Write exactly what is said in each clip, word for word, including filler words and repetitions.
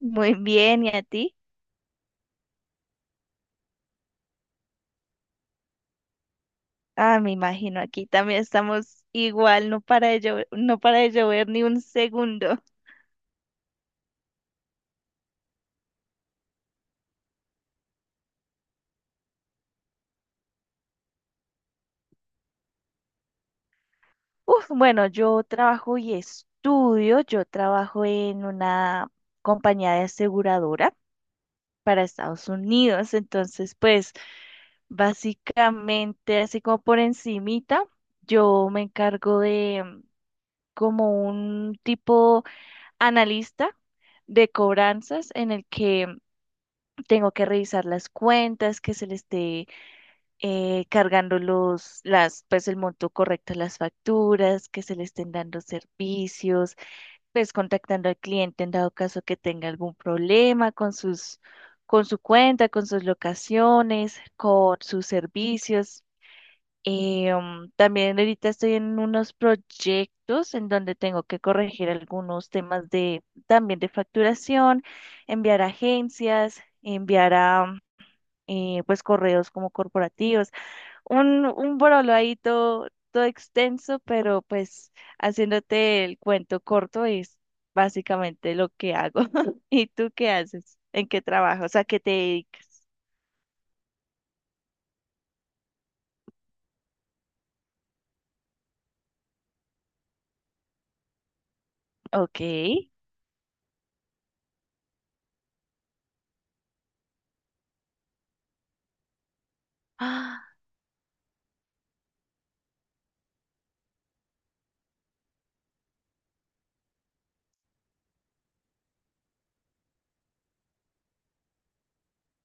Muy bien, ¿y a ti? Ah, me imagino, aquí también estamos igual, no para de llover, no para de llover ni un segundo. Uf, bueno, yo trabajo y estudio, yo trabajo en una compañía de aseguradora para Estados Unidos, entonces pues básicamente así como por encimita, yo me encargo de mm, como un tipo analista de cobranzas en el que tengo que revisar las cuentas, que se le esté eh, cargando los, las, pues el monto correcto a las facturas, que se le estén dando servicios, pues contactando al cliente en dado caso que tenga algún problema con sus, con su cuenta, con sus locaciones, con sus servicios. Eh, um, también ahorita estoy en unos proyectos en donde tengo que corregir algunos temas de también de facturación, enviar a agencias, enviar a eh, pues correos como corporativos. Un, un brolo ahí todo, todo extenso, pero pues haciéndote el cuento corto es básicamente lo que hago. ¿Y tú qué haces? ¿En qué trabajas? ¿A qué te dedicas? Ok. Ah.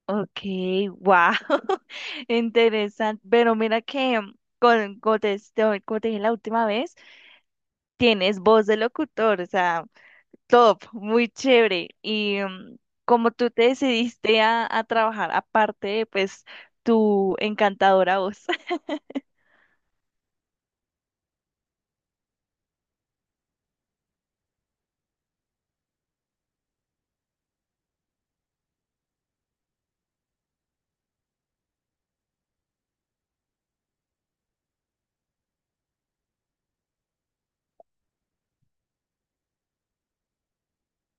Ok, wow. Interesante. Pero mira que, mm, con, como te, te- como te dije la última vez, tienes voz de locutor, o sea. Top, muy chévere. Y mm, como tú te decidiste a, a trabajar aparte de pues tu encantadora voz.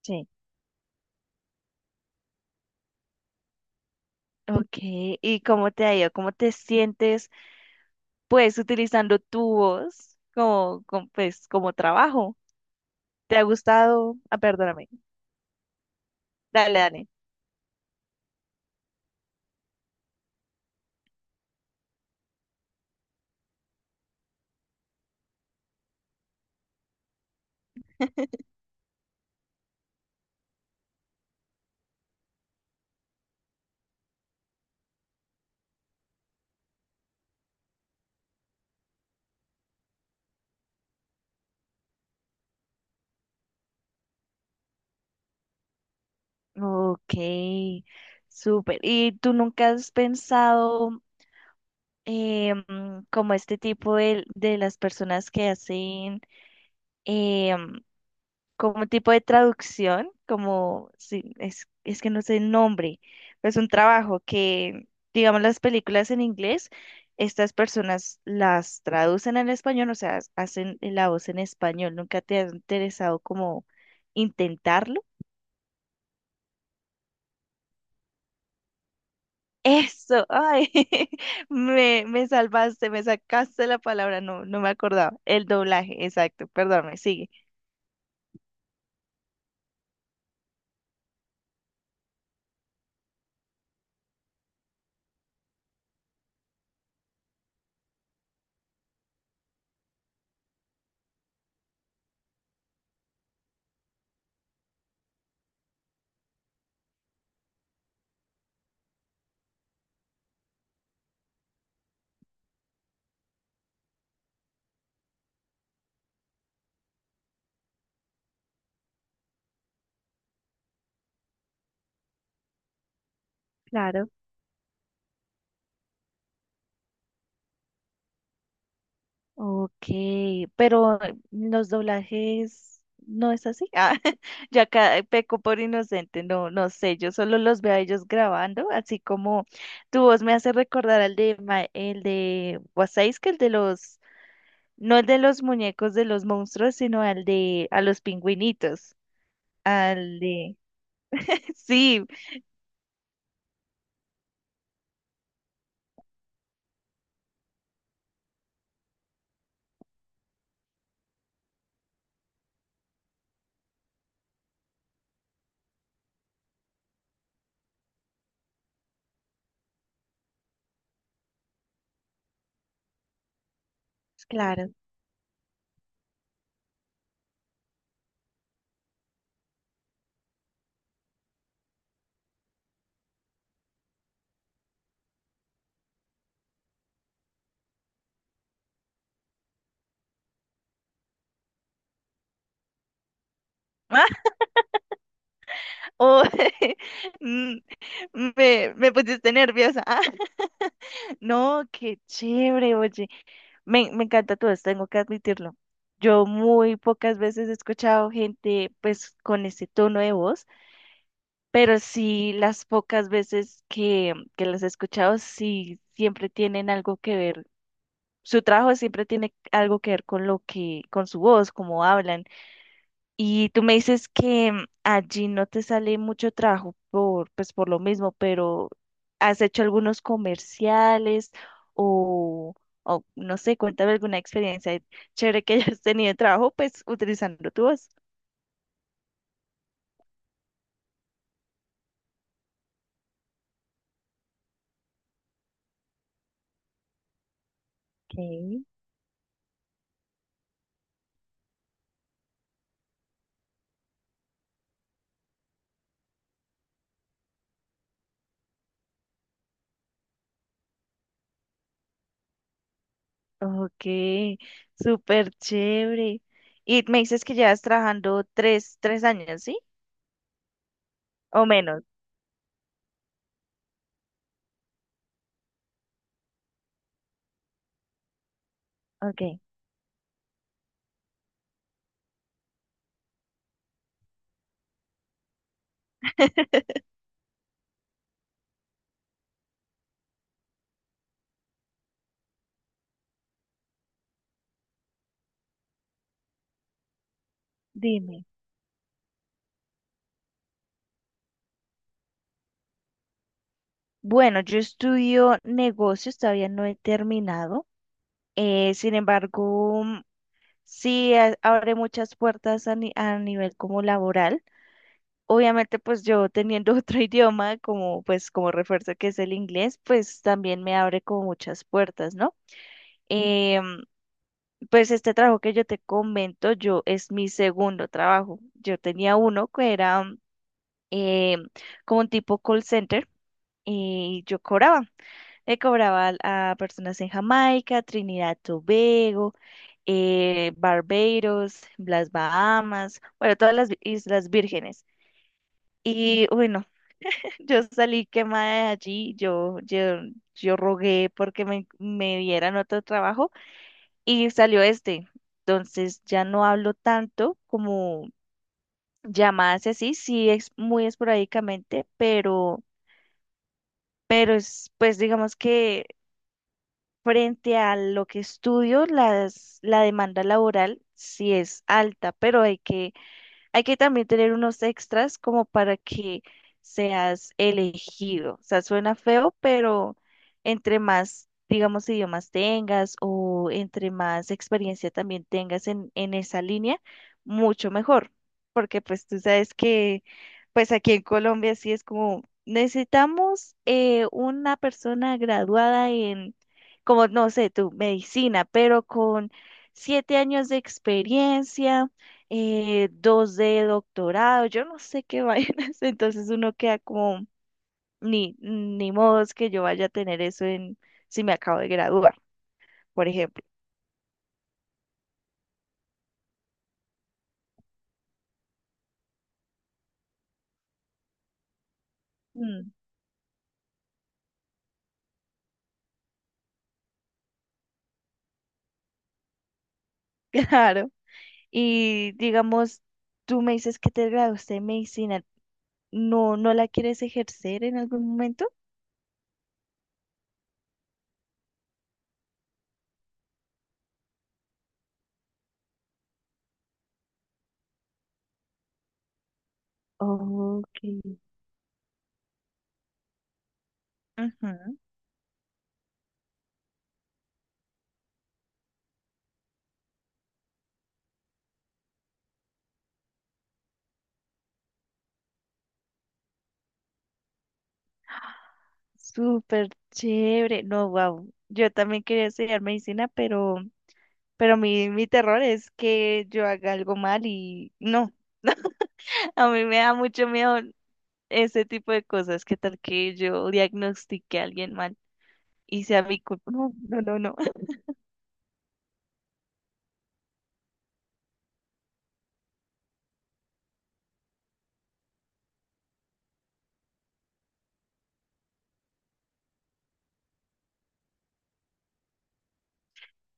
Sí. Ok, ¿y cómo te ha ido? ¿Cómo te sientes pues utilizando tu voz como, como, pues como trabajo? ¿Te ha gustado? Ah, perdóname. Dale, dale. Ok, súper. ¿Y tú nunca has pensado em, como este tipo de, de las personas que hacen como un tipo de traducción, como, sí, es, es que no sé el nombre, pero es un trabajo que, digamos, las películas en inglés, estas personas las traducen al español, o sea, hacen la voz en español. ¿Nunca te ha interesado como intentarlo? Eso, ay, me, me salvaste, me sacaste la palabra, no, no me acordaba. El doblaje, exacto, perdóname me sigue. Claro. Ok, pero los doblajes no es así. Ah, yo acá peco por inocente, no, no sé, yo solo los veo a ellos grabando, así como tu voz me hace recordar al de Ma- el de Wasais, que el de los, no el de los muñecos de los monstruos, sino al de a los pingüinitos, al de sí, claro. Ah, oh, mm, me, me pusiste nerviosa. Ah, no, qué chévere, oye. Me, me encanta todo esto, tengo que admitirlo. Yo muy pocas veces he escuchado gente pues con ese tono de voz, pero sí las pocas veces que, que las he escuchado, sí siempre tienen algo que ver. Su trabajo siempre tiene algo que ver con lo que, con su voz, cómo hablan. Y tú me dices que mm, allí no te sale mucho trabajo por, pues por lo mismo, pero ¿has hecho algunos comerciales o, o no sé, cuéntame alguna experiencia chévere que hayas tenido de trabajo, pues utilizando tu voz? Ok. Ok, súper chévere. Y me dices que llevas trabajando tres, tres años, ¿sí? O menos. Ok, dime. Bueno, yo estudio negocios, todavía no he terminado. Eh, sin embargo, mm, sí a- abre muchas puertas a, ni- a nivel como laboral. Obviamente, pues yo teniendo otro idioma como pues como refuerzo que es el inglés, pues también me abre como muchas puertas, ¿no? Em, pues este trabajo que yo te comento, yo es mi segundo trabajo. Yo tenía uno que era mm, em, como un tipo call center y yo cobraba. Le cobraba a a personas en Jamaica, Trinidad y Tobago, eh, Barbados, las Bahamas, bueno, todas las vi- Islas Vírgenes. Y bueno, yo salí quemada de allí, yo, yo, yo rogué porque me, me dieran otro trabajo y salió este. Entonces ya no hablo tanto como llamadas y así, sí es muy esporádicamente, pero, pero es, pues digamos que frente a lo que estudio, las, la demanda laboral sí es alta, pero hay que Hay que también tener unos extras como para que seas elegido. O sea, suena feo, pero entre más, digamos, idiomas tengas o entre más experiencia también tengas en, en esa línea, mucho mejor. Porque pues tú sabes que pues aquí en Colombia sí es como necesitamos eh, una persona graduada en, como no sé, tu medicina, pero con siete años de experiencia eh, dos de doctorado, yo no sé qué vainas, entonces uno queda como, ni, ni modo es que yo vaya a tener eso en, si me acabo de graduar, por ejemplo. Mm, claro. Y digamos, tú me dices que te graduaste en medicina, ¿no, no la quieres ejercer en algún momento? Ok. Ujú. Súper chévere. No, wow. Yo también quería estudiar medicina, pero, pero mi, mi terror es que yo haga algo mal y no. A mí me da mucho miedo ese tipo de cosas. ¿Qué tal que yo diagnostique a alguien mal y sea mi culpa? No, no, no, no.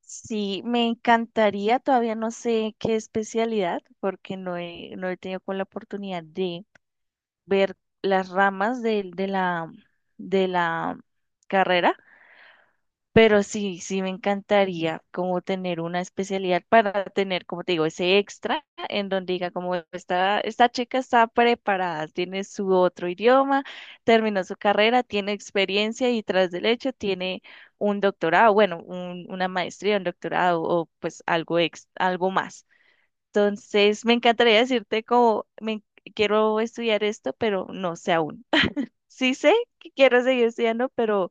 Sí, me encantaría, todavía no sé qué especialidad, porque no he, no he tenido con la oportunidad de ver las ramas de, de la, de la carrera. Pero sí, sí me encantaría como tener una especialidad para tener, como te digo, ese extra en donde diga como esta, esta chica está preparada, tiene su otro idioma, terminó su carrera, tiene experiencia y tras del hecho tiene un doctorado, bueno, un- una maestría, un doctorado o pues algo ex, algo más. Entonces, me encantaría decirte como me en- quiero estudiar esto, pero no sé aún. Sí sé que quiero seguir estudiando, pero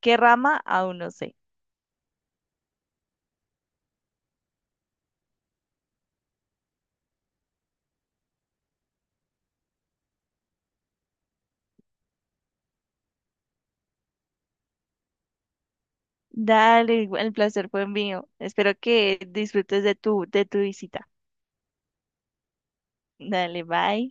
qué rama aún no sé. Dale, el placer fue mío. Espero que disfrutes de tu, de tu visita. Dale, bye.